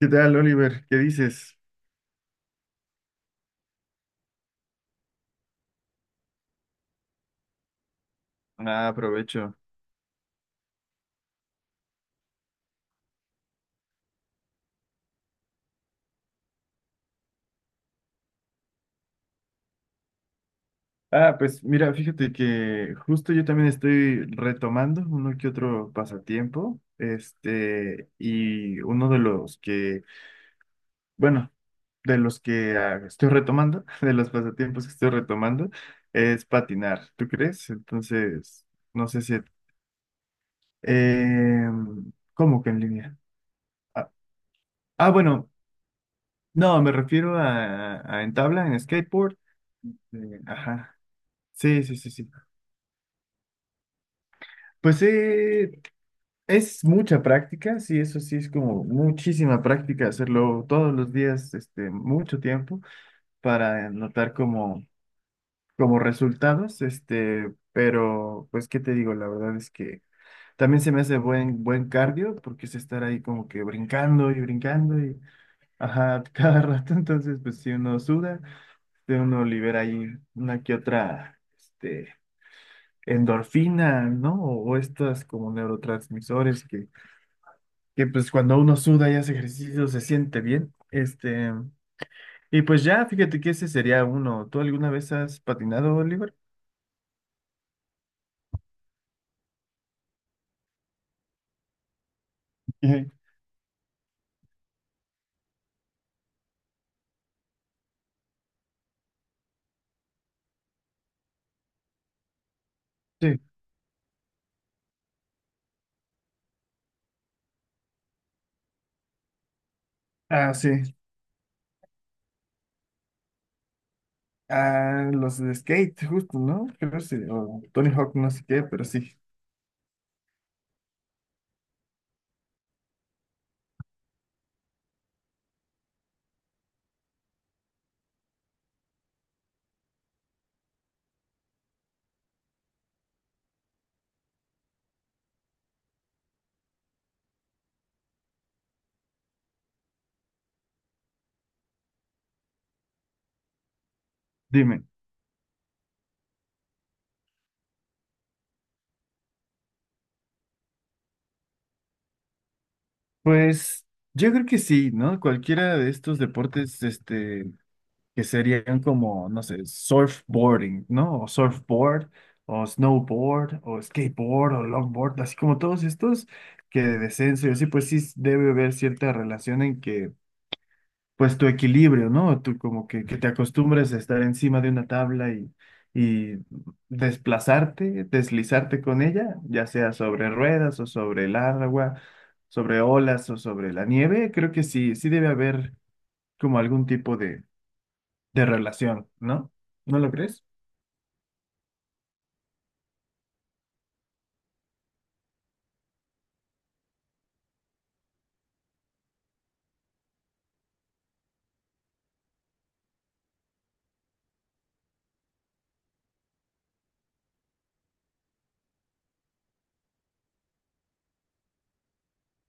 ¿Qué tal, Oliver? ¿Qué dices? Ah, aprovecho. Ah, pues mira, fíjate que justo yo también estoy retomando uno que otro pasatiempo, y uno de los que, bueno, de los que estoy retomando, de los pasatiempos que estoy retomando, es patinar, ¿tú crees? Entonces, no sé si... Eh, ¿cómo que en línea? Ah, ah, bueno, no, me refiero a en tabla, en skateboard. Ajá, sí, sí, sí, sí. Pues es mucha práctica, sí, eso sí, es como muchísima práctica hacerlo todos los días, mucho tiempo para notar como resultados, pero pues, ¿qué te digo? La verdad es que también se me hace buen cardio porque es estar ahí como que brincando y brincando y, ajá, cada rato, entonces, pues si uno suda, de uno libera ahí una que otra, endorfina, ¿no? O estas como neurotransmisores que pues cuando uno suda y hace ejercicio se siente bien. Y pues ya, fíjate que ese sería uno. ¿Tú alguna vez has patinado, Oliver? Ujú. Sí. Ah, sí. Ah, los de skate, justo, ¿no? Creo sí. O Tony Hawk, no sé qué, pero sí. Dime. Pues yo creo que sí, ¿no? Cualquiera de estos deportes, que serían como, no sé, surfboarding, ¿no? O surfboard, o snowboard, o skateboard, o longboard, así como todos estos que de descenso y así, pues sí debe haber cierta relación en que, pues tu equilibrio, ¿no? Tú como que te acostumbres a estar encima de una tabla y desplazarte, deslizarte con ella, ya sea sobre ruedas o sobre el agua, sobre olas o sobre la nieve, creo que sí, sí debe haber como algún tipo de relación, ¿no? ¿No lo crees?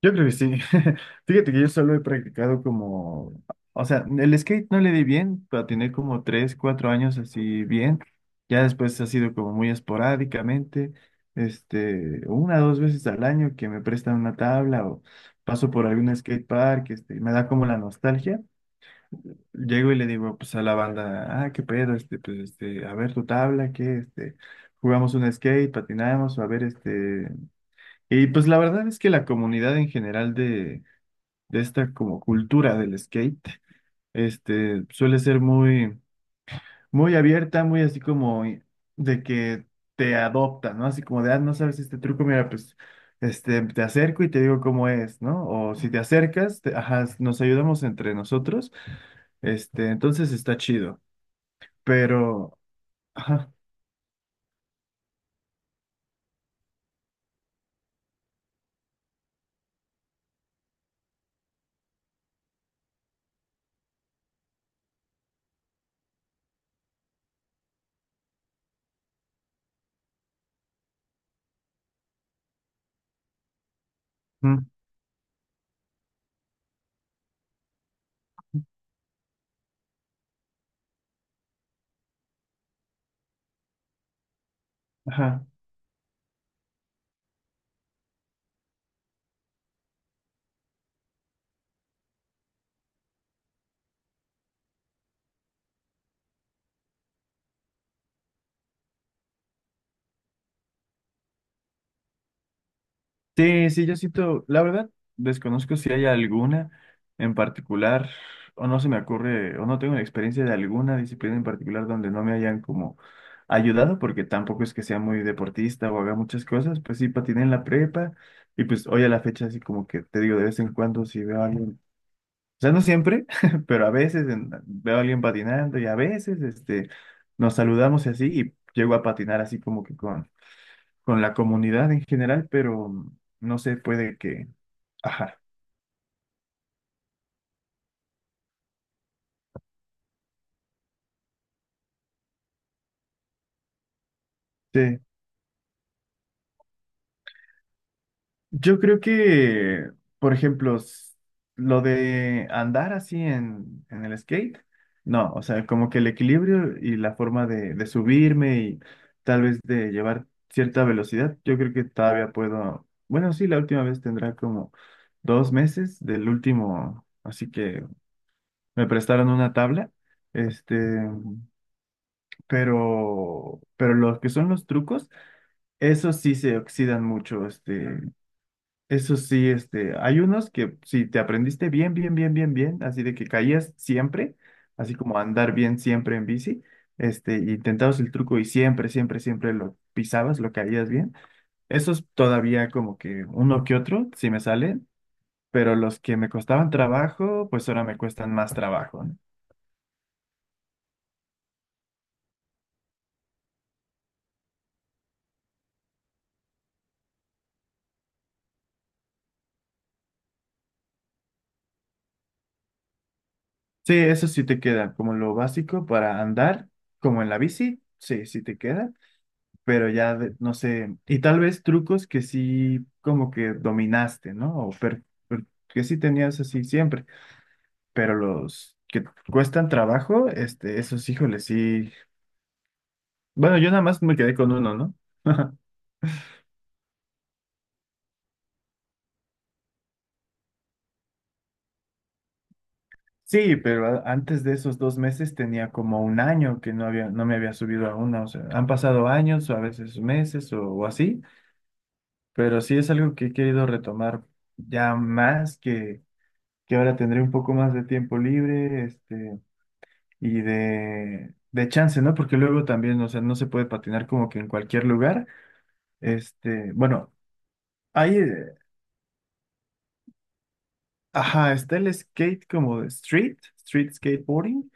Yo creo que sí. Fíjate que yo solo he practicado como, o sea, el skate no le di bien, pero tener como 3, 4 años así bien. Ya después ha sido como muy esporádicamente, una dos veces al año que me prestan una tabla o paso por algún skate park, y me da como la nostalgia. Llego y le digo pues a la banda, ah, qué pedo, a ver tu tabla, qué, jugamos un skate, patinamos, a ver, y pues la verdad es que la comunidad en general de esta como cultura del skate, suele ser muy, muy abierta, muy así como de que te adopta, ¿no? Así como de, ah, no sabes este truco, mira, pues, te acerco y te digo cómo es, ¿no? O si te acercas, ajá, nos ayudamos entre nosotros, entonces está chido, pero, ajá, mm, ajá. Sí, sí, yo siento, la verdad, desconozco si hay alguna en particular, o no se me ocurre, o no tengo la experiencia de alguna disciplina en particular donde no me hayan como ayudado, porque tampoco es que sea muy deportista o haga muchas cosas, pues sí, patiné en la prepa, y pues hoy a la fecha así como que te digo, de vez en cuando si veo a alguien, o sea, no siempre, pero a veces veo a alguien patinando y a veces, nos saludamos y así, y llego a patinar así como que con la comunidad en general, pero no sé, puede que... Ajá, sí. Yo creo que, por ejemplo, lo de andar así en el skate, no, o sea, como que el equilibrio y la forma de subirme y tal vez de llevar cierta velocidad, yo creo que todavía puedo, bueno, sí, la última vez tendrá como 2 meses del último, así que me prestaron una tabla. Este, pero los que son los trucos, esos sí se oxidan mucho, esos sí, hay unos que si te aprendiste bien, bien, bien, bien, bien, así de que caías siempre, así como andar bien siempre en bici, intentabas el truco y siempre, siempre, siempre lo pisabas, lo caías bien, esos todavía como que uno que otro, sí me salen, pero los que me costaban trabajo, pues ahora me cuestan más trabajo, ¿no? Sí, eso sí te queda, como lo básico para andar, como en la bici, sí, sí te queda, pero ya no sé, y tal vez trucos que sí como que dominaste, ¿no? O que sí tenías así siempre, pero los que cuestan trabajo, esos híjoles, sí. Bueno, yo nada más me quedé con uno, ¿no? Sí, pero antes de esos 2 meses tenía como un año que no había, no me había subido a uno, o sea, han pasado años o a veces meses o así. Pero sí es algo que he querido retomar ya más que ahora tendré un poco más de tiempo libre, y de chance, ¿no? Porque luego también, o sea, no se puede patinar como que en cualquier lugar. Bueno, hay, ajá, está el skate como de street skateboarding,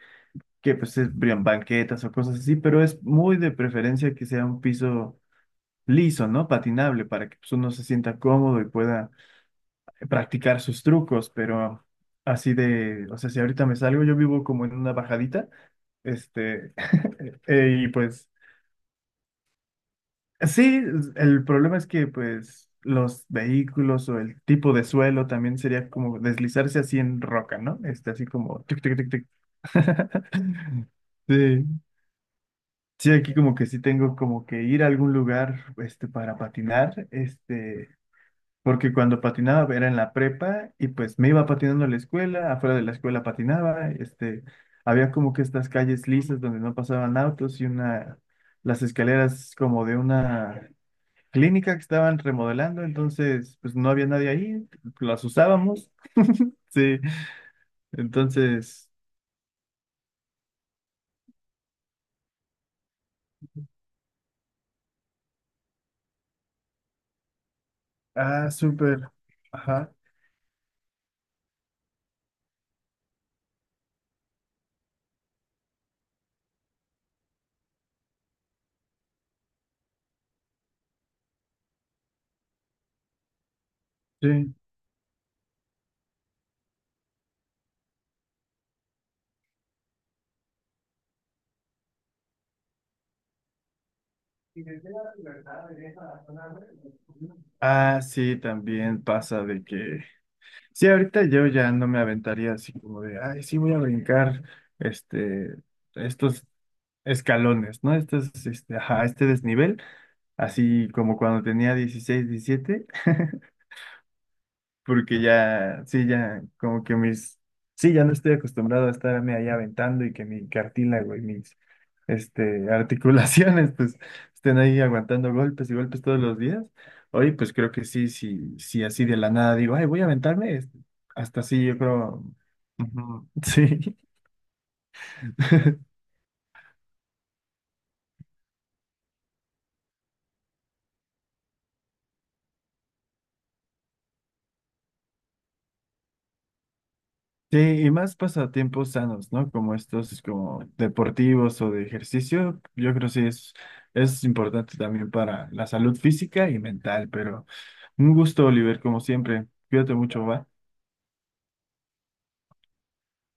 que pues es brían, banquetas o cosas así, pero es muy de preferencia que sea un piso liso, ¿no? Patinable para que pues, uno se sienta cómodo y pueda practicar sus trucos, pero así de, o sea, si ahorita me salgo, yo vivo como en una bajadita, este, y pues sí, el problema es que pues los vehículos o el tipo de suelo también sería como deslizarse así en roca, ¿no? Así como tic, tic, tic, tic. Sí. Sí, aquí como que sí tengo como que ir a algún lugar para patinar, porque cuando patinaba era en la prepa y pues me iba patinando a la escuela, afuera de la escuela patinaba, había como que estas calles lisas donde no pasaban autos y una, las escaleras como de una clínica que estaban remodelando, entonces pues no había nadie ahí, las usábamos, sí, entonces, ah, súper, ajá, sí. Ah, sí, también pasa de que sí, ahorita yo ya no me aventaría así como de, ay, sí voy a brincar este, estos escalones, ¿no? Ajá, este desnivel, así como cuando tenía 16, 17. Porque ya, sí, ya, como que mis, sí, ya no estoy acostumbrado a estarme ahí aventando y que mi cartílago y mis, articulaciones, pues, estén ahí aguantando golpes y golpes todos los días. Hoy, pues, creo que sí, sí, sí, así de la nada digo, ay, voy a aventarme, hasta así, yo creo, ujú, sí. Sí, y más pasatiempos sanos, ¿no? Como estos, como deportivos o de ejercicio, yo creo que sí es importante también para la salud física y mental, pero un gusto, Oliver, como siempre. Cuídate mucho, ¿va?